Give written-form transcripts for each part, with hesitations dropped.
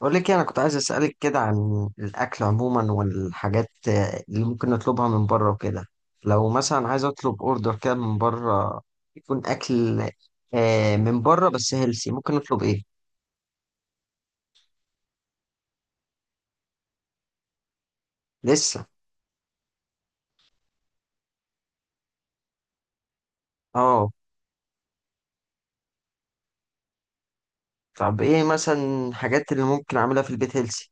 بقول لك إيه، انا كنت عايز اسالك كده عن الاكل عموما والحاجات اللي ممكن نطلبها من بره وكده. لو مثلا عايز اطلب اوردر كده من بره يكون اكل من بره بس هيلسي ممكن نطلب ايه؟ لسه. اه. طب ايه مثلا الحاجات اللي ممكن اعملها في البيت هيلسي؟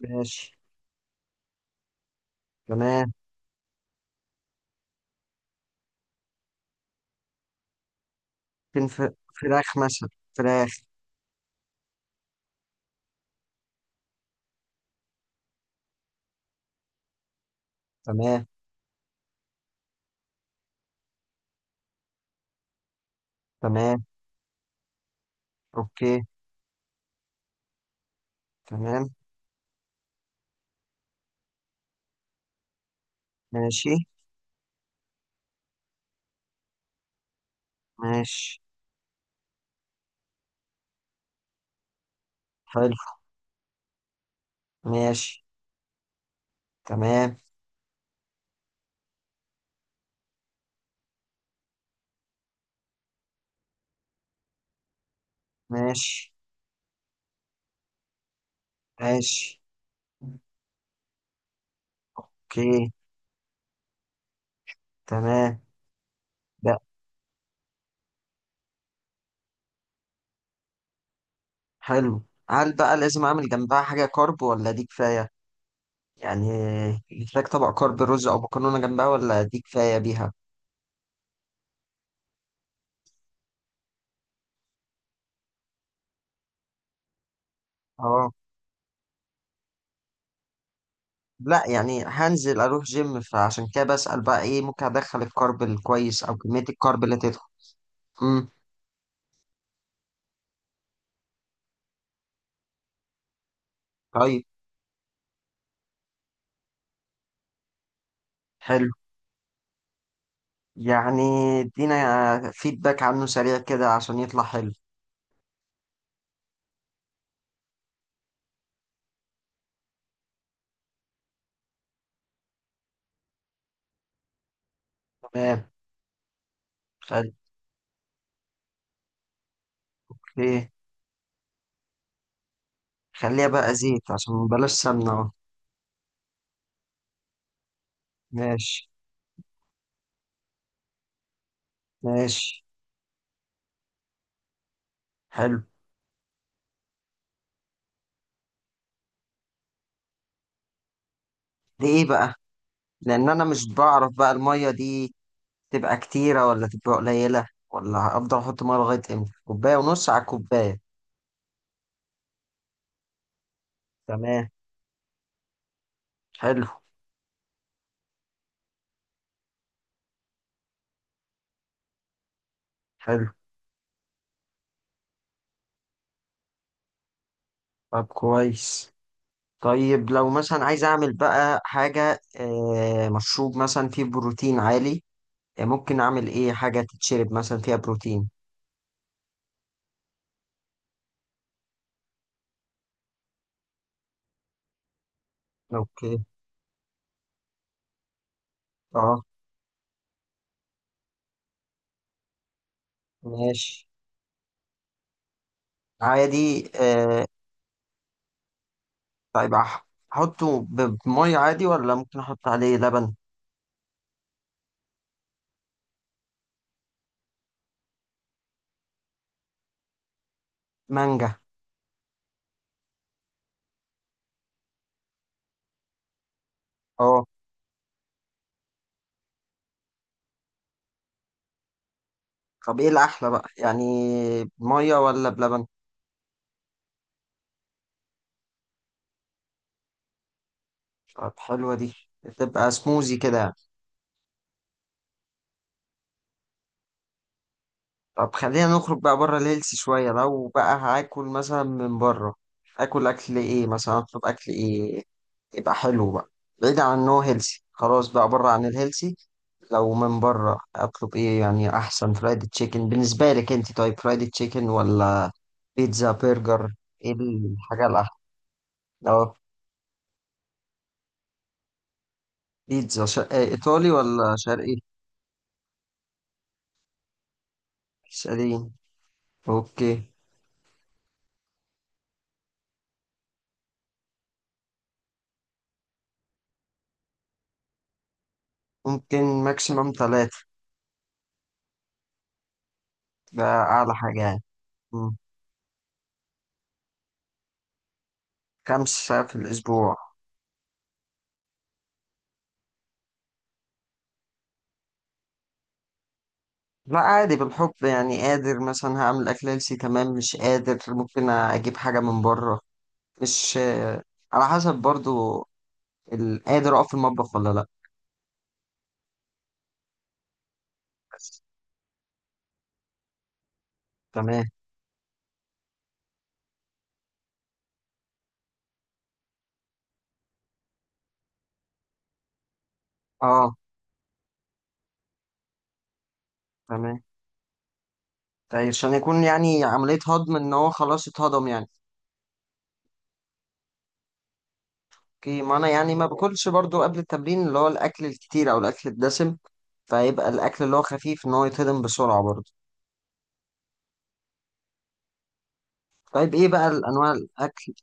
ماشي. تمام. فين ف- فراخ مثلا. فراخ. تمام. تمام. اوكي. تمام. ماشي. ماشي. حلو. ماشي. تمام. ماشي. ماشي. اوكي. تمام. لا. حلو. هل بقى لازم اعمل جنبها حاجة كارب ولا دي كفاية؟ يعني محتاج طبق كارب رز او مكرونة جنبها ولا دي كفاية بيها؟ اه. لا يعني هنزل اروح جيم، فعشان كده بسأل بقى ايه ممكن ادخل الكارب الكويس او كمية الكارب اللي تدخل. امم. طيب. حلو. يعني ادينا فيدباك عنه سريع كده عشان يطلع حلو. تمام. خل... اوكي. خليها بقى زيت عشان بلاش سمنة اهو. ماشي. ماشي. حلو. دي ايه بقى؟ لان انا مش بعرف بقى المية دي تبقى كتيرة ولا تبقى قليلة ولا افضل احط مية لغاية امتى، كوباية ونص على الكوباية؟ تمام. حلو. حلو. طب كويس. طيب لو مثلا عايز اعمل بقى حاجة مشروب مثلا فيه بروتين عالي، ممكن اعمل ايه حاجة تتشرب مثلا فيها بروتين؟ اوكي. اه. ماشي. عادي. طيب احطه بمية عادي ولا ممكن احط عليه لبن؟ مانجا. اه. طب ايه الاحلى بقى يعني، بميه ولا بلبن؟ طب حلوه دي. تبقى سموزي كده يعني. طب خلينا نخرج بقى بره الهيلثي شويه، لو بقى هاكل مثلا من بره اكل، اكل ايه مثلا، اطلب اكل ايه يبقى حلو بقى بعيد عن انه هيلثي؟ خلاص بقى بره عن الهيلثي، لو من بره اطلب ايه يعني احسن؟ فرايد تشيكن بالنسبه لك انت، طيب فرايد تشيكن ولا بيتزا برجر؟ ايه الحاجه الاحلى؟ اه. بيتزا شرق ايطالي ولا شرقي؟ شرقي. اوكي. ممكن ماكسيموم ثلاثة، ده أعلى حاجة يعني. مم. 5 ساعات في الأسبوع. لا عادي بالحب يعني، قادر مثلا هعمل أكل هيلسي تمام، مش قادر ممكن أجيب حاجة من بره. مش. على حسب برضو، قادر أقف في المطبخ ولا لأ. بس. تمام. أه. تمام. طيب عشان يكون يعني عملية هضم، إن هو خلاص اتهضم يعني. أوكي، ما أنا يعني ما باكلش برضو قبل التمرين اللي هو الأكل الكتير أو الأكل الدسم، فيبقى الأكل اللي هو خفيف إن هو يتهضم بسرعة برضو. طيب ايه بقى الانواع الاكل؟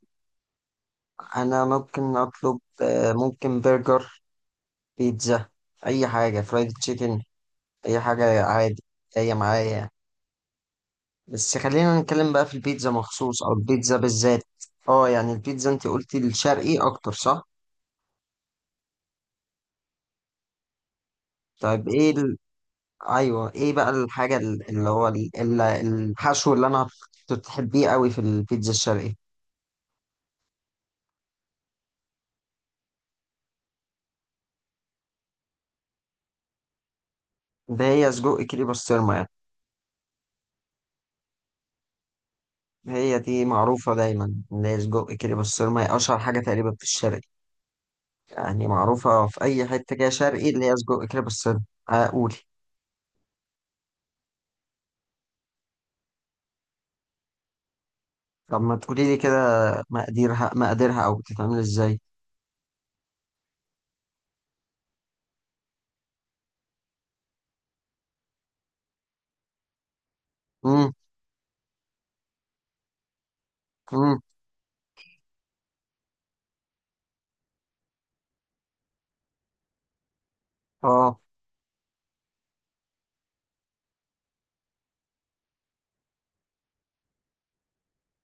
انا ممكن اطلب ممكن برجر، بيتزا، اي حاجه فرايد تشيكن، اي حاجه عادي جايه معايا. بس خلينا نتكلم بقى في البيتزا مخصوص، او البيتزا بالذات. اه يعني البيتزا انت قلتي الشرقي اكتر، صح؟ طيب ايه ايوه، ايه بقى الحاجه اللي هو الحشو اللي انا كنت بتحبيه قوي في البيتزا الشرقي؟ ده هي سجق كيري بسطرمه يعني. هي دي معروفه دايما ان هي سجق كيري بسطرمه، هي اشهر حاجه تقريبا في الشرق. يعني معروفة في أي حتة كده شرقي اللي هي سجق كده بالسن. أقول. طب ما تقولي لي كده مقاديرها، مقاديرها أو بتتعمل إزاي؟ مم. مم. أه.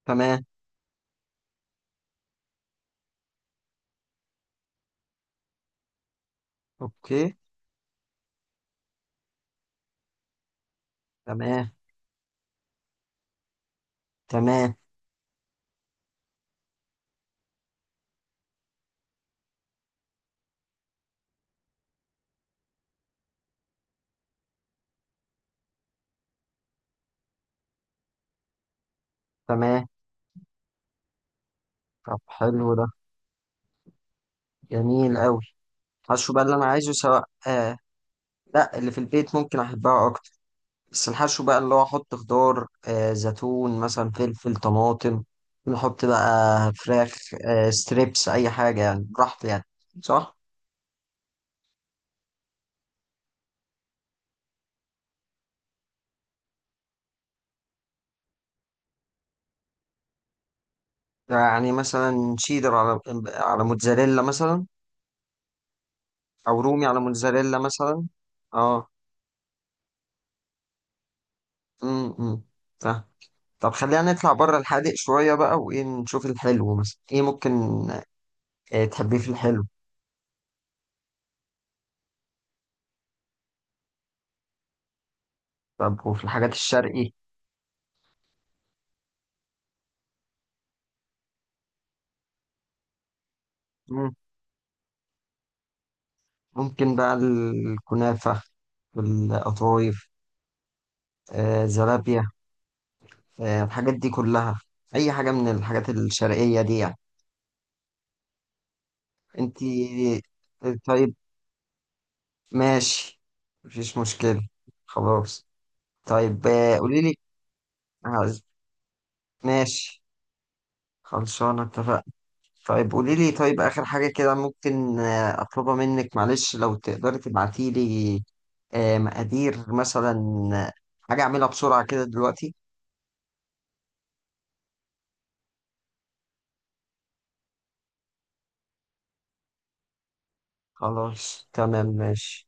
تمام. أوكي. تمام. تمام. تمام. طب حلو ده، جميل أوي. الحشو بقى اللي أنا عايزه سواء. لا اللي في البيت ممكن أحبها أكتر. بس الحشو بقى اللي هو أحط خضار، زيتون مثلا، فلفل، طماطم، نحط بقى فراخ، ستريبس، أي حاجة يعني، براحتي يعني، صح؟ يعني مثلا شيدر على موتزاريلا مثلا. او رومي على موتزاريلا مثلا. اه. امم. فاهم. طب خلينا نطلع بره الحادق شويه بقى، وايه نشوف الحلو مثلا ايه ممكن تحبيه في الحلو؟ طب وفي الحاجات الشرقي؟ مم. ممكن بقى الكنافه، والقطايف، زلابيا، الحاجات دي كلها، اي حاجه من الحاجات الشرقيه دي يعني انت. طيب. ماشي. مفيش مشكله. خلاص. طيب قولي لي. عايز- ماشي. خلصانة. اتفقنا. طيب قولي لي، طيب آخر حاجة كده ممكن أطلبها منك، معلش لو تقدري تبعتي لي مقادير مثلا، آه، حاجة أعملها بسرعة كده دلوقتي. خلاص. تمام. ماشي.